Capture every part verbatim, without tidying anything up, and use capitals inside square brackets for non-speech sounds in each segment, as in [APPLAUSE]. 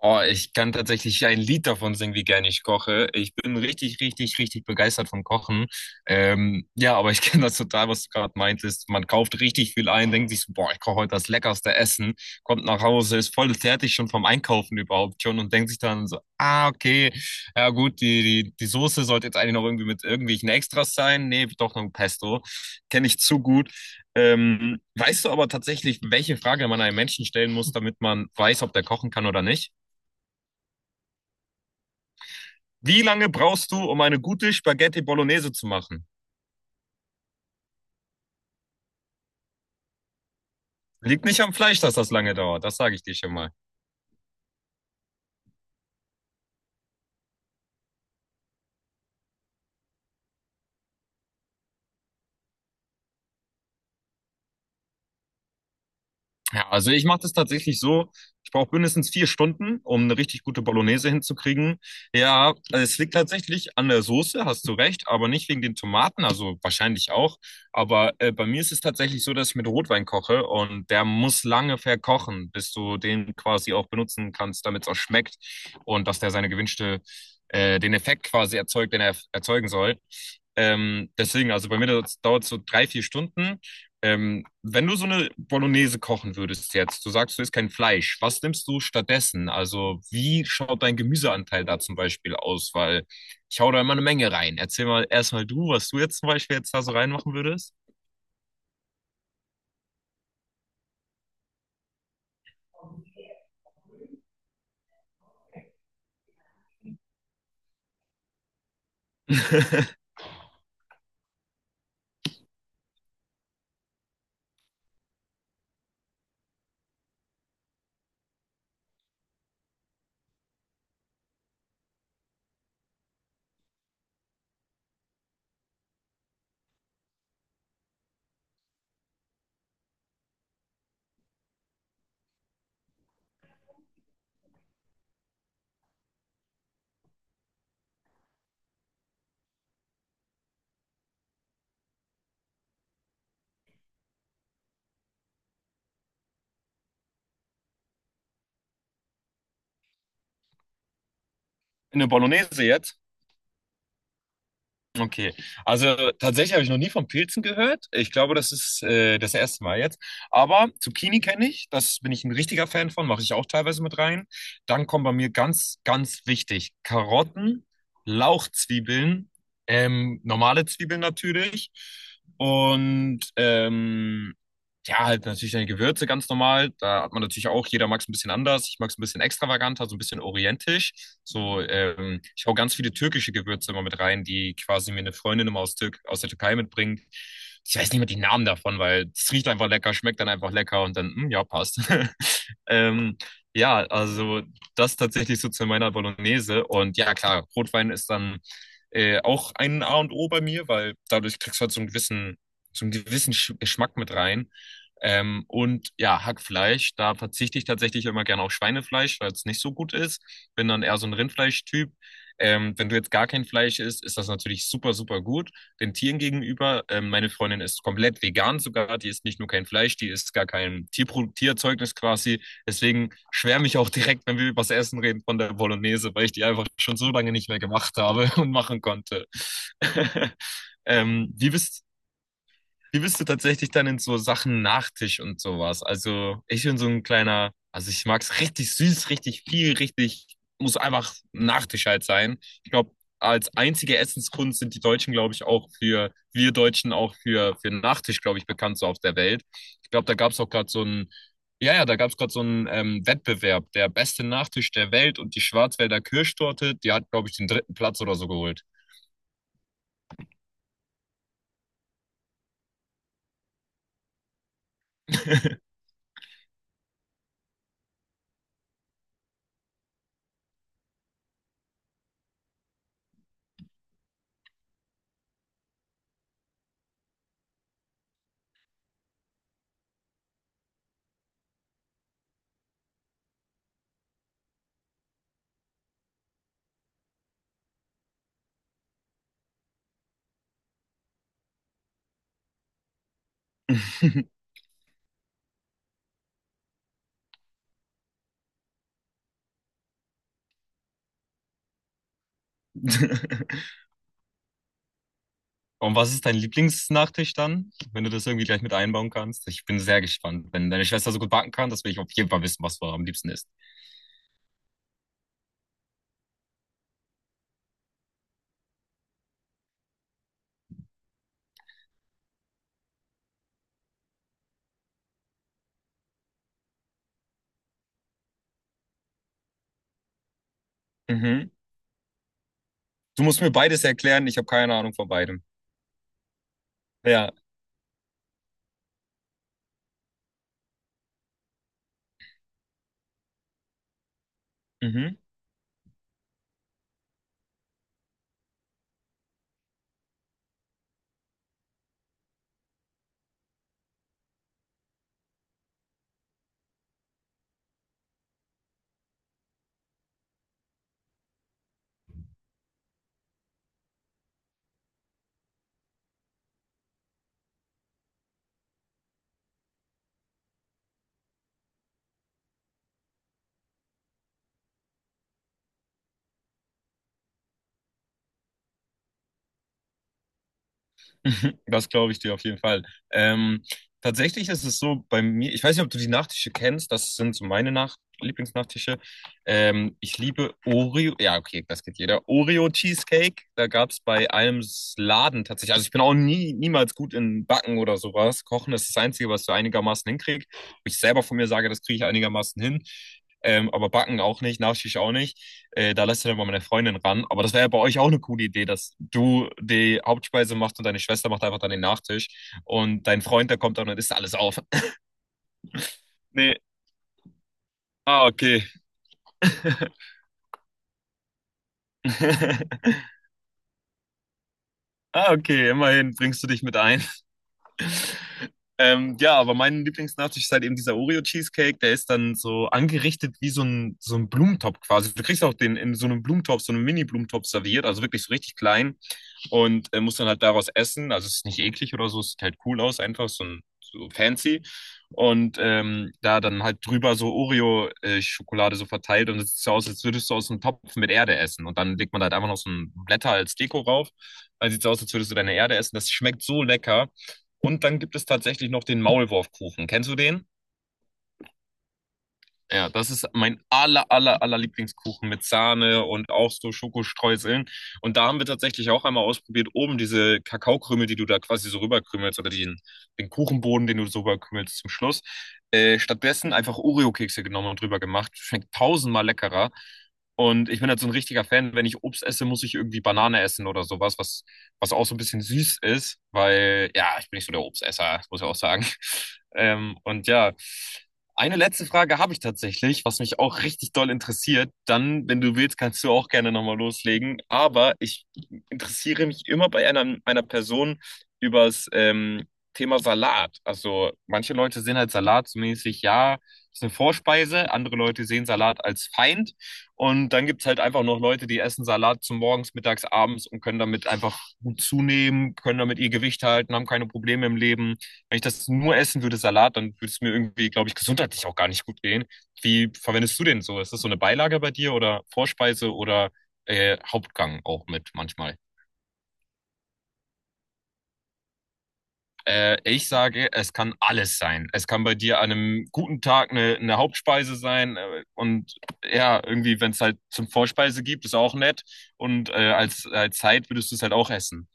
Oh, ich kann tatsächlich ein Lied davon singen, wie gerne ich koche. Ich bin richtig, richtig, richtig begeistert vom Kochen. Ähm, ja, aber ich [LAUGHS] kenne das total, was du gerade meintest. Man kauft richtig viel ein, denkt sich so, boah, ich koche heute das leckerste Essen, kommt nach Hause, ist voll fertig schon vom Einkaufen überhaupt schon und denkt sich dann so, ah, okay, ja gut, die, die, die Soße sollte jetzt eigentlich noch irgendwie mit irgendwelchen Extras sein. Nee, doch noch ein Pesto. Kenne ich zu gut. Ähm, weißt du aber tatsächlich, welche Frage man einem Menschen stellen muss, damit man weiß, ob der kochen kann oder nicht? Wie lange brauchst du, um eine gute Spaghetti Bolognese zu machen? Liegt nicht am Fleisch, dass das lange dauert. Das sage ich dir schon mal. Ja, also ich mache das tatsächlich so. Ich brauche mindestens vier Stunden, um eine richtig gute Bolognese hinzukriegen. Ja, es liegt tatsächlich an der Soße, hast du recht, aber nicht wegen den Tomaten, also wahrscheinlich auch. Aber äh, bei mir ist es tatsächlich so, dass ich mit Rotwein koche und der muss lange verkochen, bis du den quasi auch benutzen kannst, damit es auch schmeckt und dass der seine gewünschte, äh, den Effekt quasi erzeugt, den er erzeugen soll. Ähm, deswegen, also bei mir dauert es so drei, vier Stunden. Ähm, wenn du so eine Bolognese kochen würdest jetzt, du sagst, du isst kein Fleisch, was nimmst du stattdessen? Also, wie schaut dein Gemüseanteil da zum Beispiel aus? Weil ich hau da immer eine Menge rein. Erzähl mal erstmal du, was du jetzt zum Beispiel jetzt da so reinmachen würdest. [LAUGHS] Eine Bolognese jetzt? Okay, also tatsächlich habe ich noch nie von Pilzen gehört. Ich glaube, das ist äh, das erste Mal jetzt. Aber Zucchini kenne ich, das bin ich ein richtiger Fan von, mache ich auch teilweise mit rein. Dann kommen bei mir ganz, ganz wichtig Karotten, Lauchzwiebeln, ähm, normale Zwiebeln natürlich und ähm, ja, halt natürlich deine Gewürze ganz normal. Da hat man natürlich auch, jeder mag es ein bisschen anders. Ich mag es ein bisschen extravaganter, so ein bisschen orientisch. So, ähm, ich hau ganz viele türkische Gewürze immer mit rein, die quasi mir eine Freundin immer aus, Türk aus der Türkei mitbringt. Ich weiß nicht mehr die Namen davon, weil es riecht einfach lecker, schmeckt dann einfach lecker und dann, hm, ja, passt. [LAUGHS] Ähm, ja, also das tatsächlich so zu meiner Bolognese. Und ja, klar, Rotwein ist dann äh, auch ein A und O bei mir, weil dadurch kriegst du halt so einen gewissen, so einen gewissen Sch- Geschmack mit rein. Ähm, und ja, Hackfleisch, da verzichte ich tatsächlich immer gerne auf Schweinefleisch, weil es nicht so gut ist. Bin dann eher so ein Rindfleischtyp. Ähm, wenn du jetzt gar kein Fleisch isst, ist das natürlich super, super gut den Tieren gegenüber. Ähm, meine Freundin ist komplett vegan sogar, die isst nicht nur kein Fleisch, die isst gar kein Tierpro Tierzeugnis quasi. Deswegen schwärme ich auch direkt, wenn wir über das Essen reden, von der Bolognese, weil ich die einfach schon so lange nicht mehr gemacht habe [LAUGHS] und machen konnte. [LAUGHS] Ähm, wie bist wie bist du tatsächlich dann in so Sachen Nachtisch und sowas? Also ich bin so ein kleiner, also ich mag's richtig süß, richtig viel, richtig, muss einfach Nachtisch halt sein. Ich glaube, als einzige Essenskunst sind die Deutschen, glaube ich, auch für, wir Deutschen auch für, für Nachtisch, glaube ich, bekannt so auf der Welt. Ich glaube, da gab's auch gerade so ein, ja, ja, da gab's gerade so einen ähm, Wettbewerb, der beste Nachtisch der Welt und die Schwarzwälder Kirschtorte, die hat, glaube ich, den dritten Platz oder so geholt. [LAUGHS] Und was ist dein Lieblingsnachtisch dann, wenn du das irgendwie gleich mit einbauen kannst? Ich bin sehr gespannt. Wenn deine Schwester so gut backen kann, das will ich auf jeden Fall wissen, was du am liebsten isst. Mhm. Du musst mir beides erklären, ich habe keine Ahnung von beidem. Ja. Mhm. [LAUGHS] Das glaube ich dir auf jeden Fall. Ähm, Tatsächlich ist es so bei mir, ich weiß nicht, ob du die Nachtische kennst, das sind so meine Nach Lieblingsnachtische. Ähm, ich liebe Oreo, ja, okay, das geht jeder. Oreo Cheesecake, da gab es bei einem S- Laden tatsächlich, also ich bin auch nie, niemals gut in Backen oder sowas. Kochen ist das Einzige, was du einigermaßen hinkriegst. Wo ich selber von mir sage, das kriege ich einigermaßen hin. Ähm, aber Backen auch nicht, Nachtisch auch nicht. Äh, da lässt du dann mal meine Freundin ran. Aber das wäre ja bei euch auch eine coole Idee, dass du die Hauptspeise machst und deine Schwester macht einfach dann den Nachtisch. Und dein Freund, der kommt dann und isst alles auf. [LAUGHS] Nee. Ah, okay. [LAUGHS] Ah, okay, immerhin bringst du dich mit ein. Ähm, ja, aber mein Lieblingsnachtisch ist halt eben dieser Oreo-Cheesecake. Der ist dann so angerichtet wie so ein, so ein Blumentopf quasi. Du kriegst auch den in so einem Blumentopf, so einem Mini-Blumentopf serviert, also wirklich so richtig klein. Und äh, muss dann halt daraus essen. Also es ist nicht eklig oder so, es sieht halt cool aus, einfach so, ein, so fancy. Und ähm, da dann halt drüber so Oreo-Schokolade so verteilt und es sieht so aus, als würdest du aus einem Topf mit Erde essen. Und dann legt man da halt einfach noch so ein Blätter als Deko rauf. Dann sieht es aus, als würdest du deine Erde essen. Das schmeckt so lecker. Und dann gibt es tatsächlich noch den Maulwurfkuchen. Kennst du den? Ja, das ist mein aller, aller, aller Lieblingskuchen mit Sahne und auch so Schokostreuseln. Und da haben wir tatsächlich auch einmal ausprobiert, oben diese Kakaokrümel, die du da quasi so rüberkrümelst oder den, den Kuchenboden, den du so rüberkrümelst zum Schluss. Äh, stattdessen einfach Oreo-Kekse genommen und drüber gemacht. Schmeckt tausendmal leckerer. Und ich bin halt so ein richtiger Fan, wenn ich Obst esse, muss ich irgendwie Banane essen oder sowas, was, was auch so ein bisschen süß ist, weil ja, ich bin nicht so der Obstesser, muss ich auch sagen. [LAUGHS] Ähm, und ja. Eine letzte Frage habe ich tatsächlich, was mich auch richtig doll interessiert. Dann, wenn du willst, kannst du auch gerne nochmal loslegen. Aber ich interessiere mich immer bei einer, einer Person übers ähm, Thema Salat. Also manche Leute sehen halt Salat so mäßig, ja, ist eine Vorspeise. Andere Leute sehen Salat als Feind. Und dann gibt es halt einfach noch Leute, die essen Salat zum Morgens, Mittags, Abends und können damit einfach gut zunehmen, können damit ihr Gewicht halten, haben keine Probleme im Leben. Wenn ich das nur essen würde, Salat, dann würde es mir irgendwie, glaube ich, gesundheitlich auch gar nicht gut gehen. Wie verwendest du den so? Ist das so eine Beilage bei dir oder Vorspeise oder äh, Hauptgang auch mit manchmal? Äh, ich sage, es kann alles sein. Es kann bei dir an einem guten Tag eine, eine Hauptspeise sein. Äh, und ja, irgendwie, wenn es halt zum Vorspeise gibt, ist auch nett. Und äh, als, als Zeit würdest du es halt auch essen.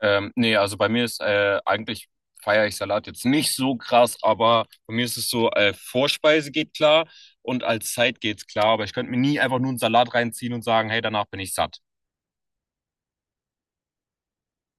Ähm, nee, also bei mir ist äh, eigentlich feiere ich Salat jetzt nicht so krass, aber bei mir ist es so, äh, Vorspeise geht klar und als Zeit geht's klar, aber ich könnte mir nie einfach nur einen Salat reinziehen und sagen, hey, danach bin ich satt.